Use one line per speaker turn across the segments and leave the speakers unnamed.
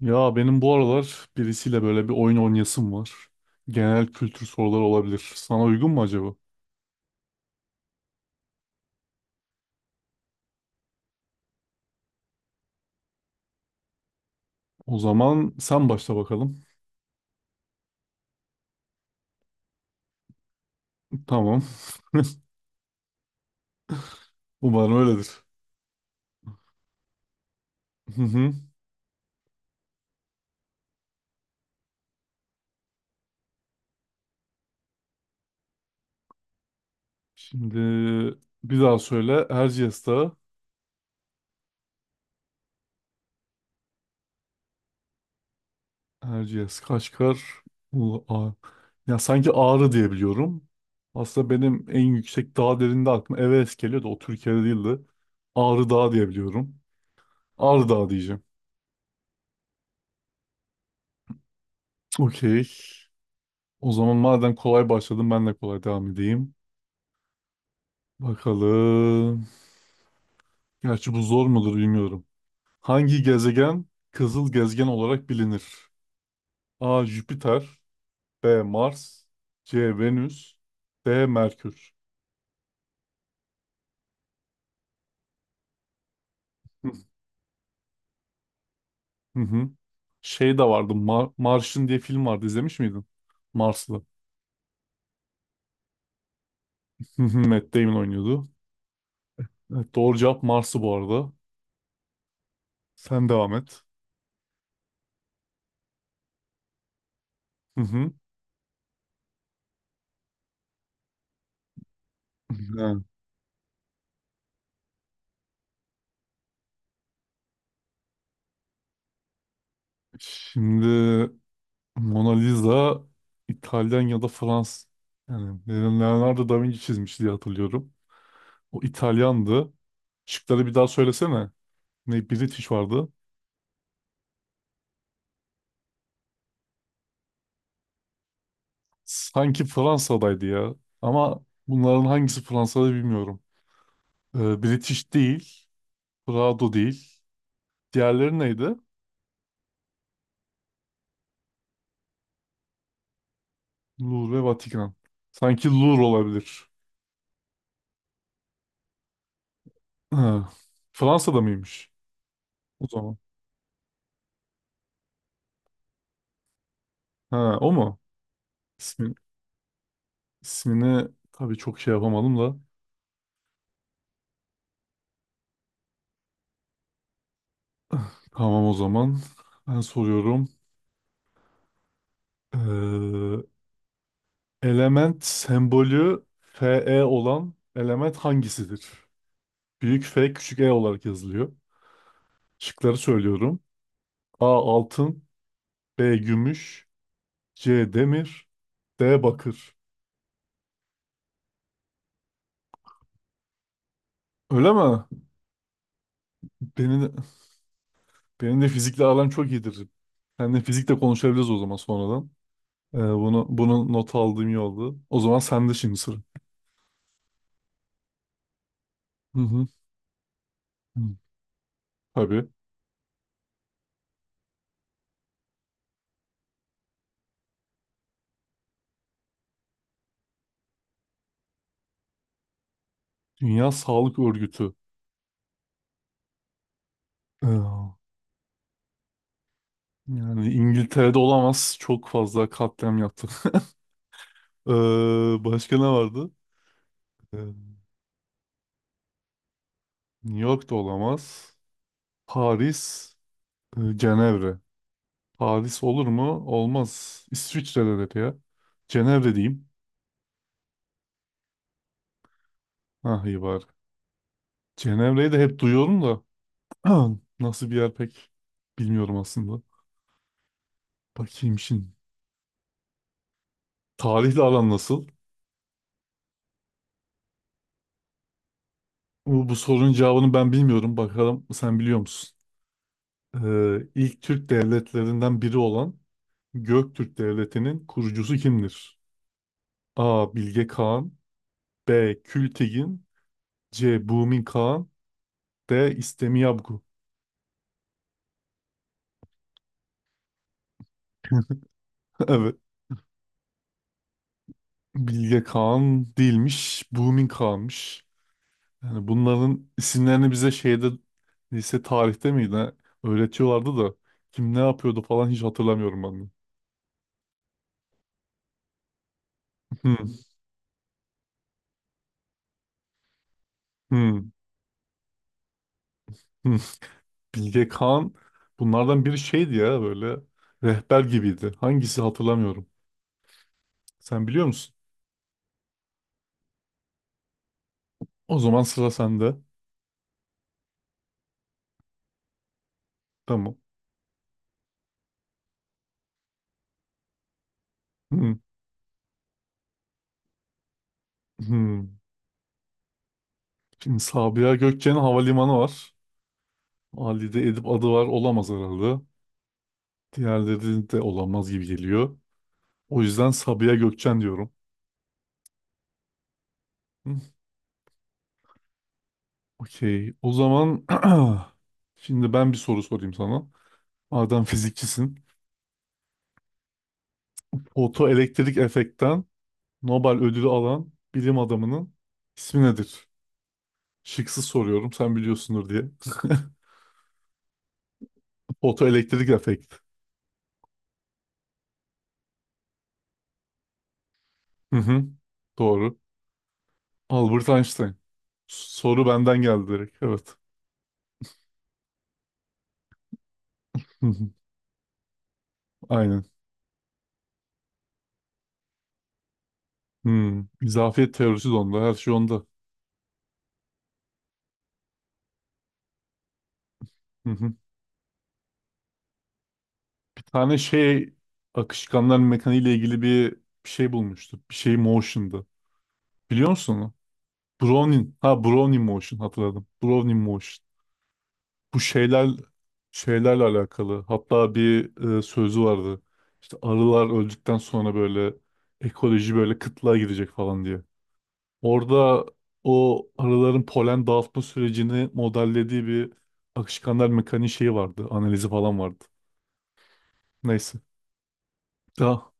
Ya benim bu aralar birisiyle böyle bir oyun oynayasım var. Genel kültür soruları olabilir. Sana uygun mu acaba? O zaman sen başla bakalım. Tamam. Umarım öyledir. Hı hı. Şimdi bir daha söyle. Erciyes Dağı. Erciyes Kaçkar. Ulu a. Ya sanki Ağrı diye biliyorum. Aslında benim en yüksek dağ derinde aklıma Everest geliyor da o Türkiye'de değildi. Ağrı Dağı diye biliyorum. Ağrı Dağı diyeceğim. Okey. O zaman madem kolay başladım ben de kolay devam edeyim. Bakalım. Gerçi bu zor mudur bilmiyorum. Hangi gezegen kızıl gezegen olarak bilinir? A. Jüpiter, B. Mars, C. Venüs, D. Merkür. Hı hı. Hı. Şey de vardı. Mars'ın diye film vardı. İzlemiş miydin? Marslı. Hı hı, Matt Damon oynuyordu. Evet, doğru cevap Mars'ı bu arada. Sen devam et. Hı hı. Ha, şimdi Mona Lisa İtalyan ya da Fransız. Yani Leonardo da Vinci çizmiş diye hatırlıyorum. O İtalyandı. Şıkları bir daha söylesene. Ne British vardı. Sanki Fransa'daydı ya. Ama bunların hangisi Fransa'da bilmiyorum. British değil. Prado değil. Diğerleri neydi? Louvre ve Vatikan. Sanki Louvre olabilir. Ha, Fransa'da mıymış? O zaman. Ha, o mu? İsmin, ismini tabii çok şey yapamadım da. Tamam o zaman. Ben soruyorum. Ee, element sembolü Fe olan element hangisidir? Büyük F küçük E olarak yazılıyor. Şıkları söylüyorum. A altın, B gümüş, C demir, D bakır. Öyle mi? Benim, benim de fizikle aram çok iyidir. Seninle fizikle konuşabiliriz o zaman sonradan. Bunu not aldığım iyi oldu. O zaman sende şimdi sıra. Hı hı. Hı. Tabii. Dünya Sağlık Örgütü. Ee, Yani İngiltere'de olamaz. Çok fazla katliam yaptı. Ee, başka ne vardı? Ee, New York'ta olamaz. Paris, Cenevre. Paris olur mu? Olmaz. İsviçre'de de ya. Cenevre diyeyim. Ah iyi var. Cenevre'yi de hep duyuyorum da nasıl bir yer pek bilmiyorum aslında. Bakayım şimdi. Tarihle aran nasıl? Bu sorunun cevabını ben bilmiyorum. Bakalım sen biliyor musun? İlk Türk devletlerinden biri olan Göktürk Devleti'nin kurucusu kimdir? A. Bilge Kağan, B. Kültigin, C. Bumin Kağan, D. İstemiyabgu. Evet. Bilge Kağan değilmiş. Bumin Kağan'mış. Yani bunların isimlerini bize şeyde lise tarihte miydi, ne? Öğretiyorlardı da kim ne yapıyordu falan hiç hatırlamıyorum ben de. Hmm, hmm, hmm. Bilge Kağan bunlardan biri şeydi ya, böyle rehber gibiydi. Hangisi hatırlamıyorum. Sen biliyor musun? O zaman sıra sende. Tamam. Hmm, hmm. Şimdi Sabiha Gökçen'in havalimanı var. Ali'de Edip adı var olamaz herhalde. Diğerleri de olamaz gibi geliyor. O yüzden Sabiha Gökçen diyorum. Hmm. Okey. O zaman şimdi ben bir soru sorayım sana. Madem fizikçisin. Fotoelektrik efektten Nobel ödülü alan bilim adamının ismi nedir? Şıksız soruyorum sen biliyorsundur diye. Fotoelektrik efekt. Hı hı, doğru. Albert Einstein. Soru benden geldi direkt. Evet. Hı hı. Aynen. Hmm. İzafiyet teorisi de onda. Her şey onda. Hı hı. Bir tane şey akışkanlar mekaniği ile ilgili bir şey bulmuştu. Bir şey motion'dı. Biliyor musun onu? Brownian. Ha, Brownian motion, hatırladım. Brownian motion. Bu şeyler şeylerle alakalı. Hatta bir sözü vardı. İşte arılar öldükten sonra böyle ekoloji böyle kıtlığa girecek falan diye. Orada o arıların polen dağıtma sürecini modellediği bir akışkanlar mekaniği şeyi vardı. Analizi falan vardı. Neyse. Daha.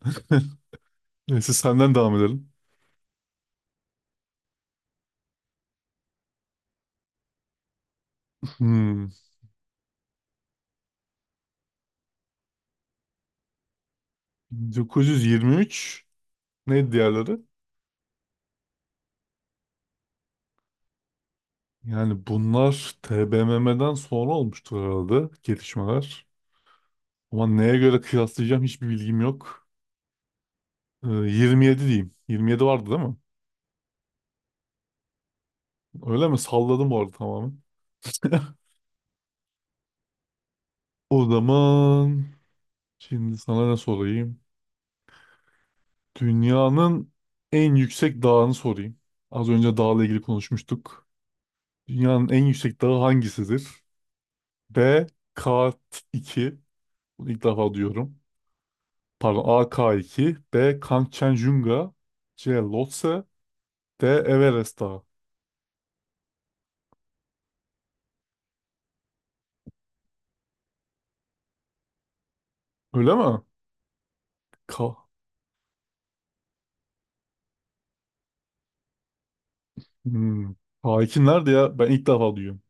Neyse, senden devam edelim. Hmm. 1923. Neydi diğerleri? Yani bunlar TBMM'den sonra olmuştur herhalde gelişmeler. Ama neye göre kıyaslayacağım hiçbir bilgim yok. 27 diyeyim. 27 vardı değil mi? Öyle mi? Salladım bu arada tamamen. O zaman şimdi sana ne sorayım? Dünyanın en yüksek dağını sorayım. Az önce dağla ilgili konuşmuştuk. Dünyanın en yüksek dağı hangisidir? B. K2. Bunu ilk defa duyuyorum. Pardon, A. K2, B. Kangchenjunga, C. Lhotse, D. Everest Dağı. Öyle mi? K. Hmm. K2 nerede ya? Ben ilk defa duyuyorum.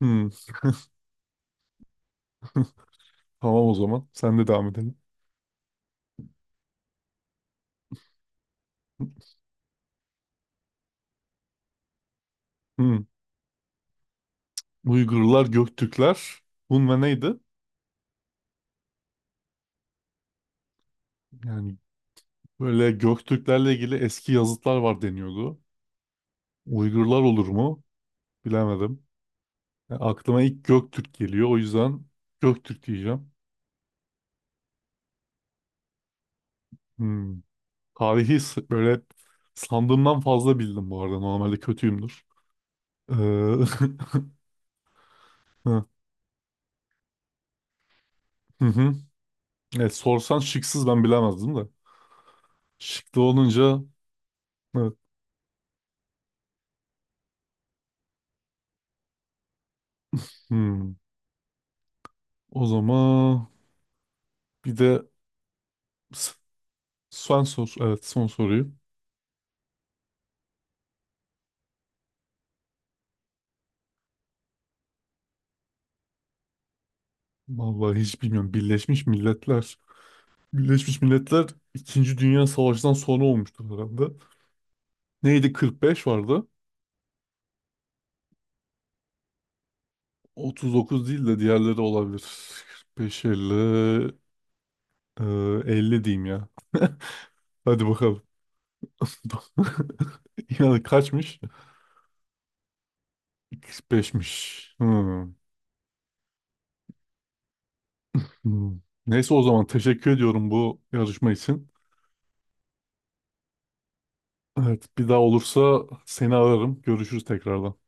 Hmm. Tamam o zaman. Sen de devam edelim. Hmm. Uygurlar, Göktürkler. Hun ve neydi? Yani böyle Göktürklerle ilgili eski yazıtlar var deniyordu. Uygurlar olur mu? Bilemedim. Yani aklıma ilk Göktürk geliyor. O yüzden Göktürk diyeceğim. Hmm. Tarihi böyle sandığımdan fazla bildim bu arada. Normalde kötüyümdür. Hı hı. Evet, sorsan şıksız ben bilemezdim de. Şıklı olunca evet. Hmm. O zaman bir de s- son sor. Evet, son soruyu. Vallahi hiç bilmiyorum. Birleşmiş Milletler. Birleşmiş Milletler İkinci Dünya Savaşı'ndan sonra olmuştur herhalde. Neydi, 45 vardı. 39 değil de diğerleri olabilir. 45, 50, e, 50 diyeyim ya. Hadi bakalım. Yani kaçmış? 45'miş. Hmm. Hmm. Neyse, o zaman teşekkür ediyorum bu yarışma için. Evet, bir daha olursa seni ararım. Görüşürüz tekrardan.